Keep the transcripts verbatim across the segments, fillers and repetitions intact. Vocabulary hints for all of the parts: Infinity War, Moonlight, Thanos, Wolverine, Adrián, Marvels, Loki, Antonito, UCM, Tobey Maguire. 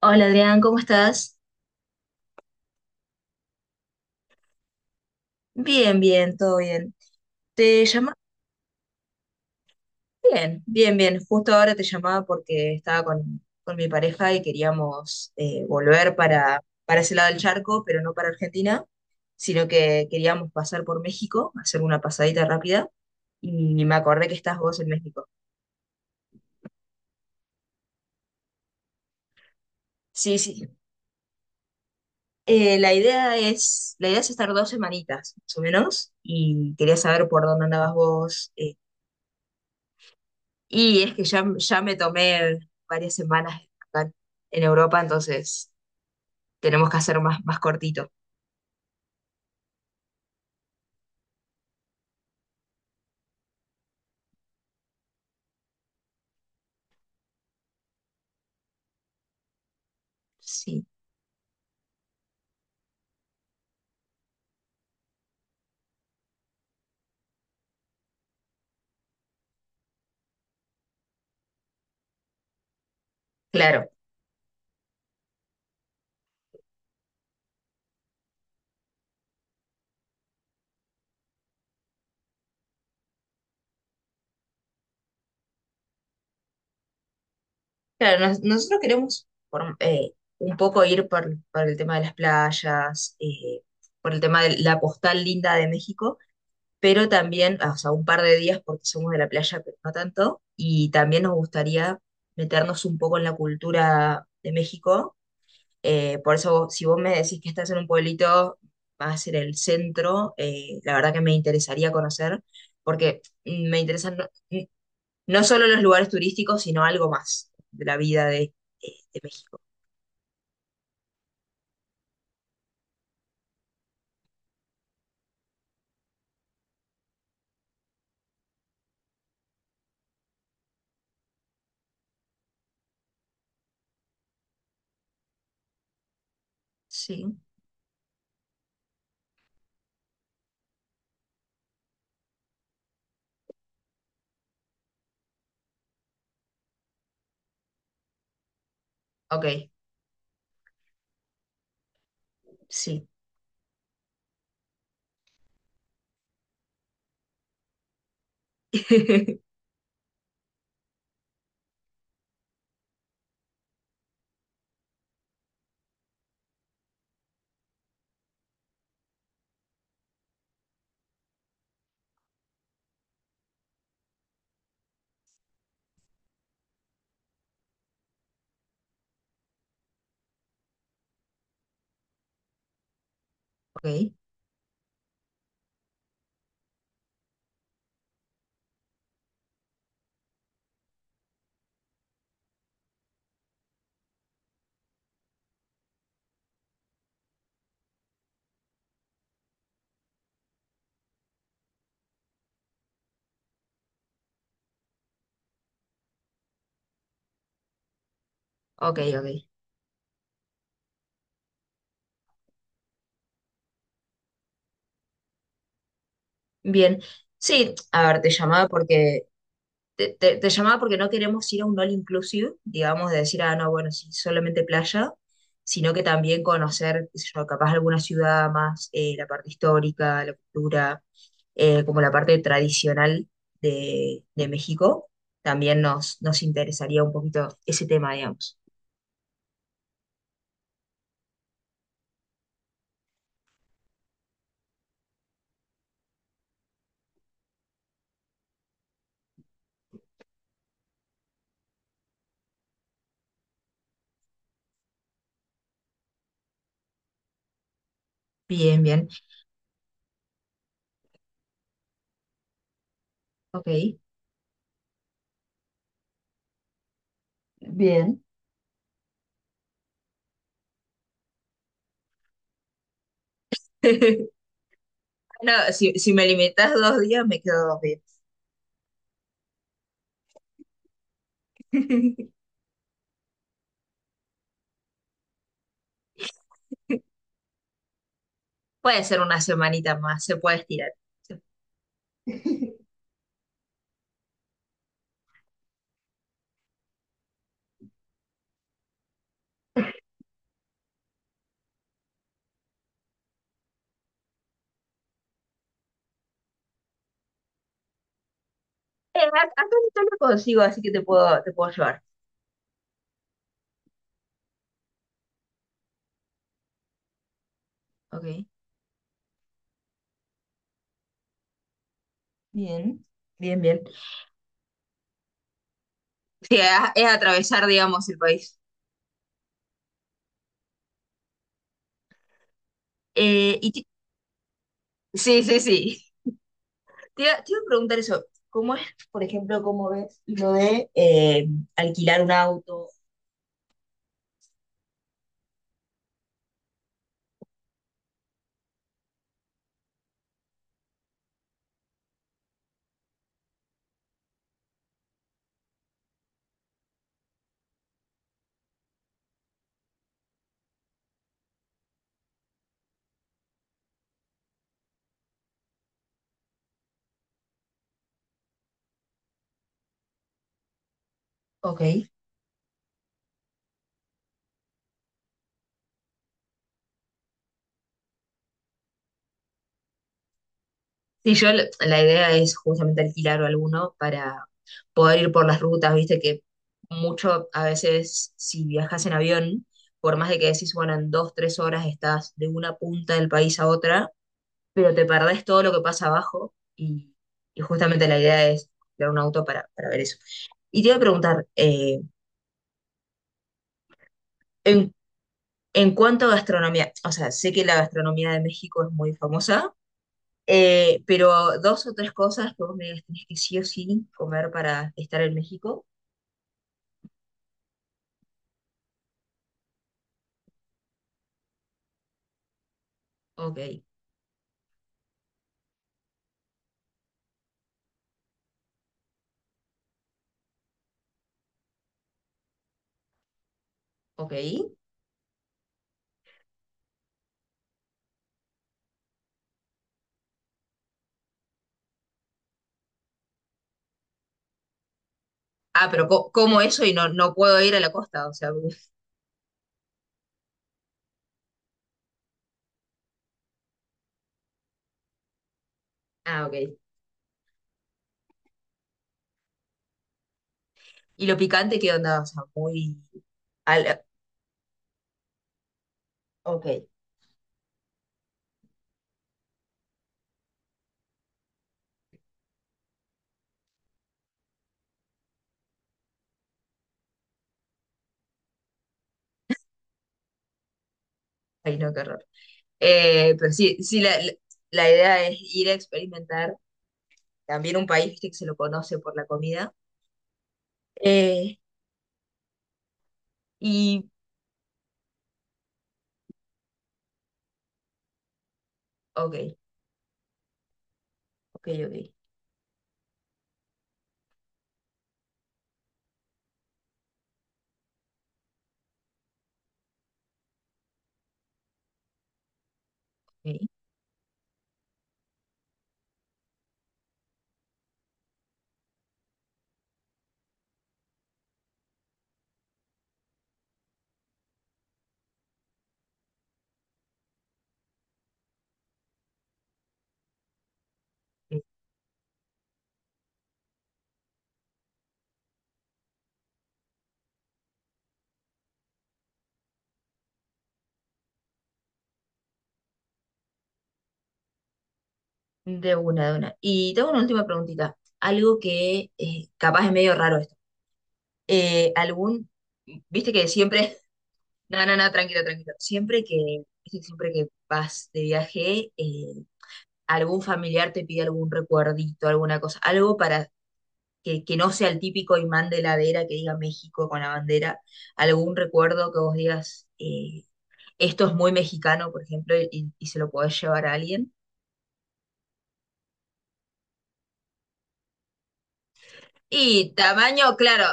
Hola Adrián, ¿cómo estás? Bien, bien, todo bien. ¿Te llamaba? Bien, bien, bien. Justo ahora te llamaba porque estaba con, con mi pareja y queríamos eh, volver para, para ese lado del charco, pero no para Argentina, sino que queríamos pasar por México, hacer una pasadita rápida y me acordé que estás vos en México. Sí, sí. Eh, la idea es, la idea es estar dos semanitas, más o menos, y quería saber por dónde andabas vos, eh. Y es que ya, ya me tomé varias semanas acá en Europa, entonces tenemos que hacer más, más cortito. Sí, claro. Claro, nos- nosotros queremos por- eh, un poco ir por, por el tema de las playas, eh, por el tema de la postal linda de México, pero también, o sea, un par de días porque somos de la playa, pero no tanto. Y también nos gustaría meternos un poco en la cultura de México. Eh, por eso, si vos me decís que estás en un pueblito, va a ser el centro, eh, la verdad que me interesaría conocer, porque mm, me interesan no, mm, no solo los lugares turísticos, sino algo más de la vida de, de- de México. Sí, ok, sí. Ok, ok, ok. Bien, sí, a ver, te llamaba porque te, te- te llamaba porque no queremos ir a un all inclusive, digamos, de decir, ah, no, bueno, sí, solamente playa, sino que también conocer, qué sé yo, capaz alguna ciudad más, eh, la parte histórica, la cultura, eh, como la parte tradicional de, de México, también nos, nos interesaría un poquito ese tema, digamos. Bien, bien, ok. Bien. No, si, si me limitas dos días, me quedo dos días. Puede ser una semanita más, se puede estirar. Eh, a a Antonito lo consigo, así que te puedo, te puedo llevar. Ok, bien, bien, bien. Sí, a- es atravesar, digamos, el país. Eh, y ti- sí, sí, sí. Te, iba te iba a preguntar eso. ¿Cómo es, por ejemplo, cómo ves lo de eh, alquilar un auto? Ok. Sí, yo la la idea es justamente alquilar alguno para poder ir por las rutas, viste que mucho a veces si viajas en avión, por más de que decís, bueno, en dos, tres horas estás de una punta del país a otra, pero te perdés todo lo que pasa abajo, y, y justamente la idea es crear un auto para, para ver eso. Y te iba a preguntar, eh, en, en cuanto a gastronomía, o sea, sé que la gastronomía de México es muy famosa, eh, pero dos o tres cosas que vos me digas, tenés que sí o sí comer para estar en México. Ok, ok. Ah, pero co- como eso y no, no puedo ir a la costa, o sea. Ah, ok. ¿Y lo picante qué onda? O sea, muy... al- ok, ay no, qué horror. Eh, pero sí, sí la, la- la idea es ir a experimentar también un país, viste, que se lo conoce por la comida. Eh, y, ok, ok, ok. Ok, ok. De una, de una. Y tengo una última preguntita. Algo que eh, capaz es medio raro esto. Eh, algún, viste que siempre, no, no, no, tranquilo, tranquilo. Siempre que, viste, siempre que vas de viaje, eh, algún familiar te pide algún recuerdito, alguna cosa, algo para que, que no sea el típico imán de heladera que diga México con la bandera, algún recuerdo que vos digas, eh, esto es muy mexicano, por ejemplo, y, y- y se lo podés llevar a alguien. Y tamaño, claro,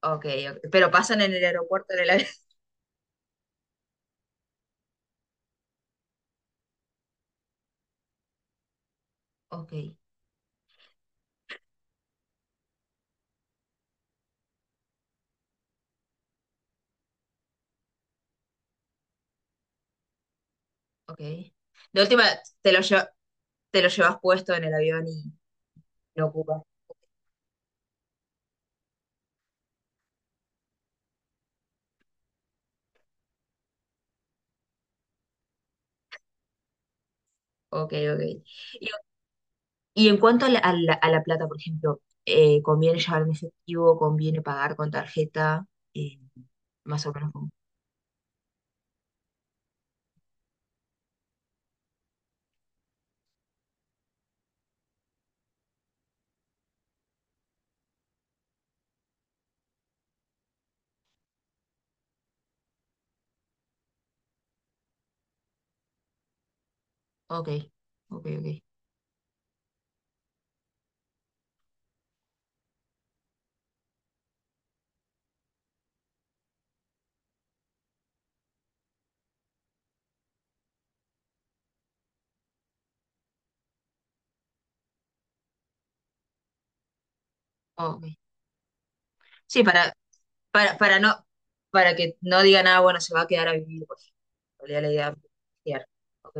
ok, ok, pero pasan en el aeropuerto, en el avión. Ok, ok. De última, te lo, lle- te lo llevas puesto en el avión y lo ocupas. Ok, ok. Y, y en cuanto a la, a la- a la plata, por ejemplo, eh, ¿conviene llevar en efectivo? ¿Conviene pagar con tarjeta? Eh, más o menos. Ok, ok, ok. Ok. Sí, para, para, para no, para que no diga nada, bueno, se va a quedar a vivir, pues. Valía la idea de alquilar. Ok,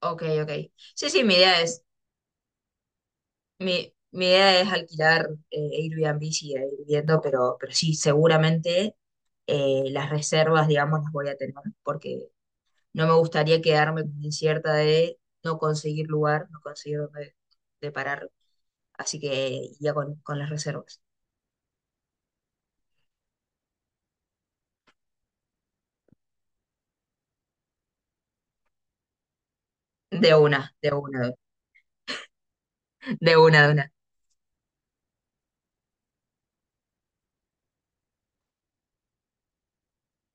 ok, ok. Sí, sí, mi idea es, mi, mi idea es alquilar eh, Airbnb, y ir viendo, pero, pero sí, seguramente eh, las reservas, digamos, las voy a tener, porque no me gustaría quedarme con incierta de no conseguir lugar, no conseguir dónde de parar. Así que ya con, con las reservas. De una, de una. De una, de una.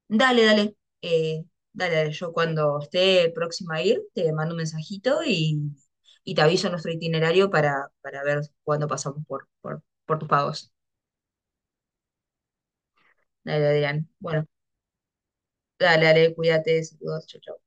Dale, dale. eh, Dale, dale. Yo cuando esté próxima a ir, te mando un mensajito y, y te aviso nuestro itinerario para, para ver cuándo pasamos por, por, por tus pagos. Dale, Adrián. Bueno, dale, dale, cuídate, saludos, chau, chau.